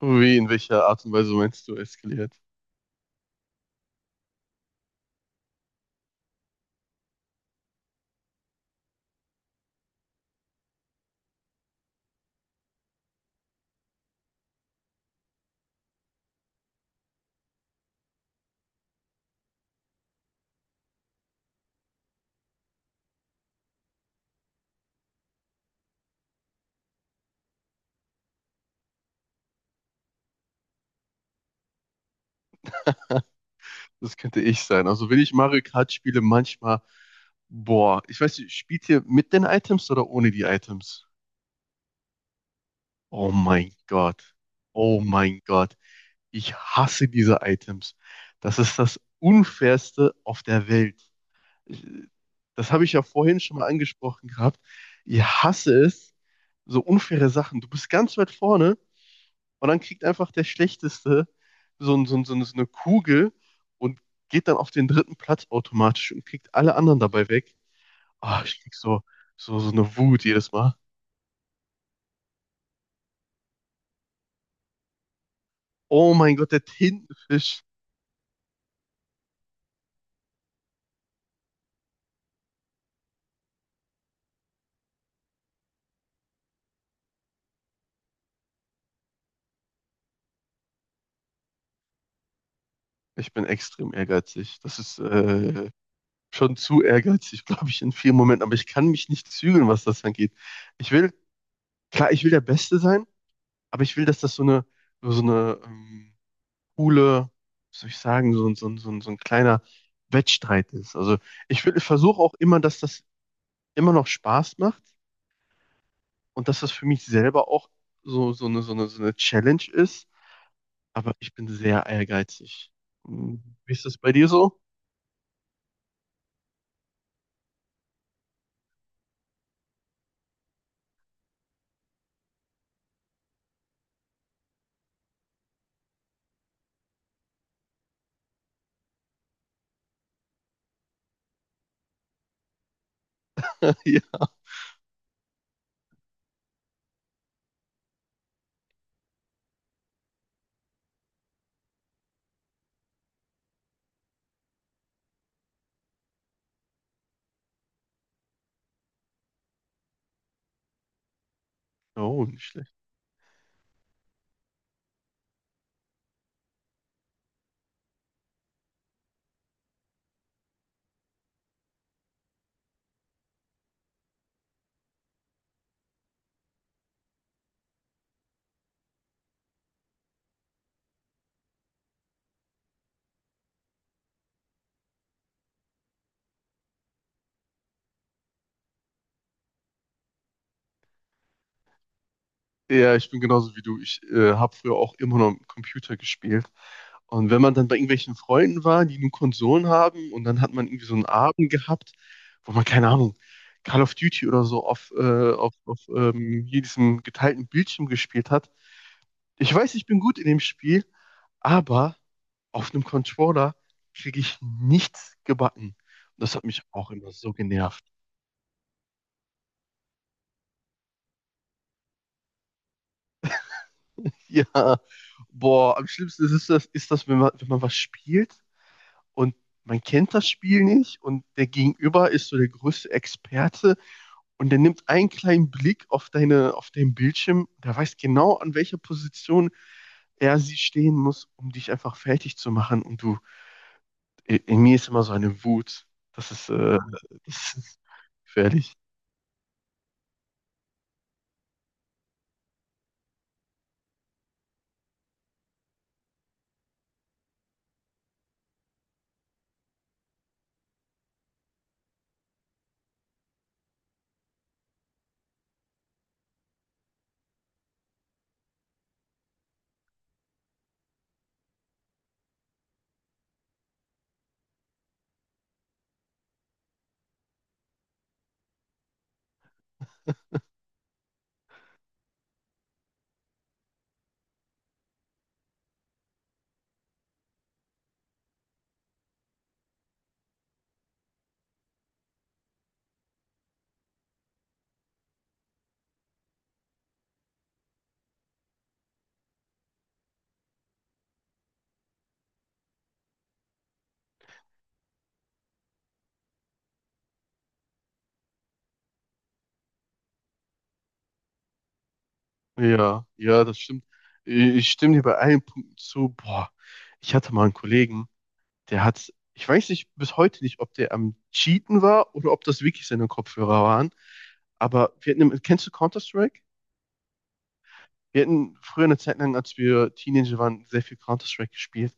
Wie, in welcher Art und Weise meinst du eskaliert? Das könnte ich sein. Also, wenn ich Mario Kart spiele, manchmal, boah, ich weiß nicht, spielt ihr mit den Items oder ohne die Items? Oh mein Gott. Oh mein Gott. Ich hasse diese Items. Das ist das Unfairste auf der Welt. Ich- Das habe ich ja vorhin schon mal angesprochen gehabt. Ich hasse es, so unfaire Sachen. Du bist ganz weit vorne. Und dann kriegt einfach der Schlechteste so eine Kugel und geht dann auf den dritten Platz automatisch und kriegt alle anderen dabei weg. Ah, ich krieg so eine Wut jedes Mal. Oh mein Gott, der Tintenfisch. Ich bin extrem ehrgeizig. Das ist schon zu ehrgeizig, glaube ich, in vielen Momenten. Aber ich kann mich nicht zügeln, was das angeht. Ich will, klar, ich will der Beste sein, aber ich will, dass das so eine coole, was soll ich sagen, so ein kleiner Wettstreit ist. Also ich versuche auch immer, dass das immer noch Spaß macht und dass das für mich selber auch so eine Challenge ist. Aber ich bin sehr ehrgeizig. Hm, wie ist das bei dir so? Ja. Oh, nicht schlecht. Ja, ich bin genauso wie du. Ich habe früher auch immer noch am Computer gespielt. Und wenn man dann bei irgendwelchen Freunden war, die nur Konsolen haben, und dann hat man irgendwie so einen Abend gehabt, wo man, keine Ahnung, Call of Duty oder so auf hier diesem geteilten Bildschirm gespielt hat. Ich weiß, ich bin gut in dem Spiel, aber auf einem Controller kriege ich nichts gebacken. Und das hat mich auch immer so genervt. Ja, boah, am schlimmsten ist es das, wenn man was spielt und man kennt das Spiel nicht und der Gegenüber ist so der größte Experte und der nimmt einen kleinen Blick auf auf deinen Bildschirm, der weiß genau, an welcher Position er sie stehen muss, um dich einfach fertig zu machen. Und du, in mir ist immer so eine Wut. Das ist, äh, das ist gefährlich. Ja, ja, das stimmt. Ich stimme dir bei allen Punkten zu. Boah, ich hatte mal einen Kollegen. Der hat, ich weiß nicht bis heute nicht, ob der am Cheaten war oder ob das wirklich seine Kopfhörer waren. Aber wir hatten, im- kennst du Counter-Strike? Wir hatten früher eine Zeit lang, als wir Teenager waren, sehr viel Counter-Strike gespielt.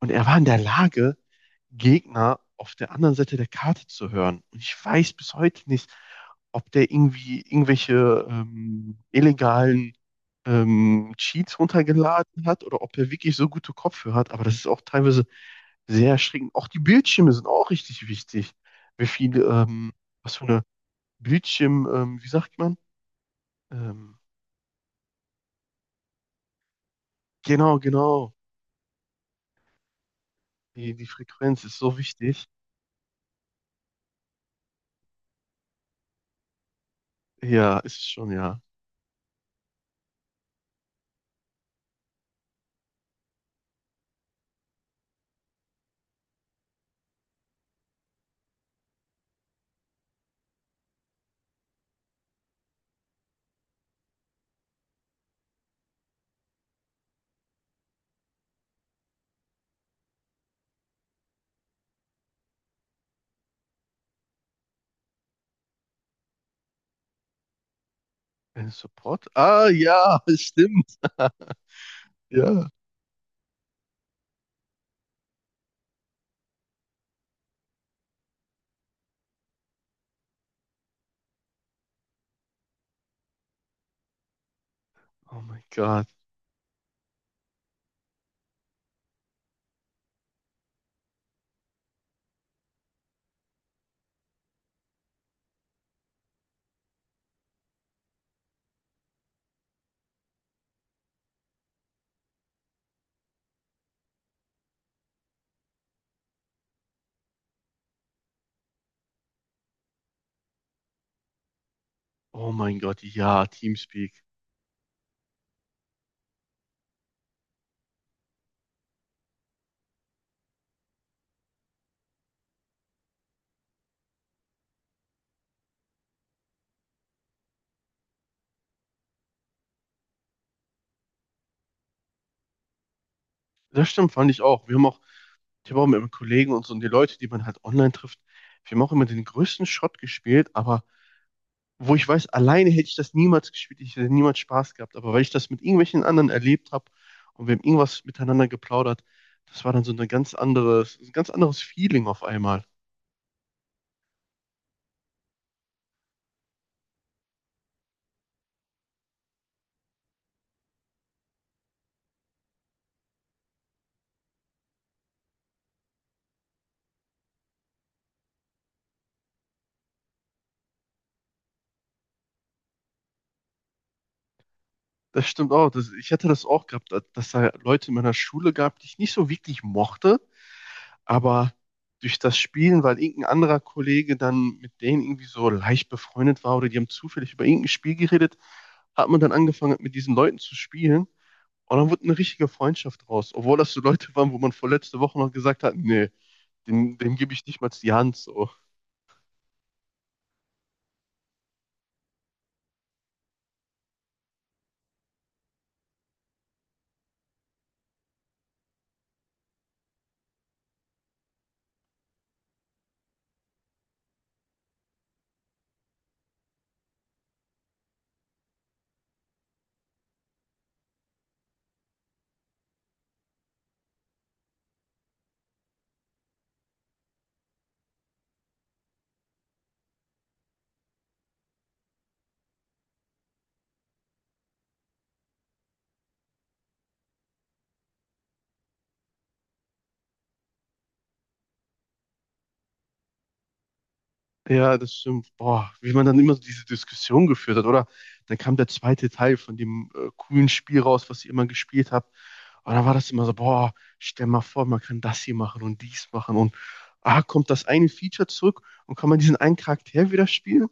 Und er war in der Lage, Gegner auf der anderen Seite der Karte zu hören. Und ich weiß bis heute nicht, ob der irgendwie irgendwelche illegalen Cheats runtergeladen hat oder ob er wirklich so gute Kopfhörer hat. Aber das ist auch teilweise sehr erschreckend. Auch die Bildschirme sind auch richtig wichtig. Wie viel, was für eine Bildschirm, wie sagt man? Ähm, genau, genau. Die Frequenz ist so wichtig. Ja, ist es schon, ja. Support? Ah, ja, stimmt. Ja. Oh mein Gott. Oh mein Gott, ja, Teamspeak. Das stimmt, fand ich auch. Wir haben auch, ich habe auch mit meinen Kollegen und so und die Leute, die man halt online trifft, wir haben auch immer den größten Schrott gespielt, aber wo ich weiß, alleine hätte ich das niemals gespielt, ich hätte niemals Spaß gehabt. Aber weil ich das mit irgendwelchen anderen erlebt habe und wir haben irgendwas miteinander geplaudert, das war dann so eine ganz anderes, ein ganz anderes Feeling auf einmal. Das stimmt auch. Das, ich hatte das auch gehabt, dass da Leute in meiner Schule gab, die ich nicht so wirklich mochte, aber durch das Spielen, weil irgendein anderer Kollege dann mit denen irgendwie so leicht befreundet war oder die haben zufällig über irgendein Spiel geredet, hat man dann angefangen, mit diesen Leuten zu spielen. Und dann wurde eine richtige Freundschaft draus, obwohl das so Leute waren, wo man vor letzte Woche noch gesagt hat, nee, dem gebe ich nicht mal die Hand so. Ja, das stimmt. Boah, wie man dann immer so diese Diskussion geführt hat, oder? Dann kam der zweite Teil von dem coolen Spiel raus, was ich immer gespielt habe. Und dann war das immer so, boah, stell mal vor, man kann das hier machen und dies machen und ah, kommt das eine Feature zurück und kann man diesen einen Charakter wieder spielen?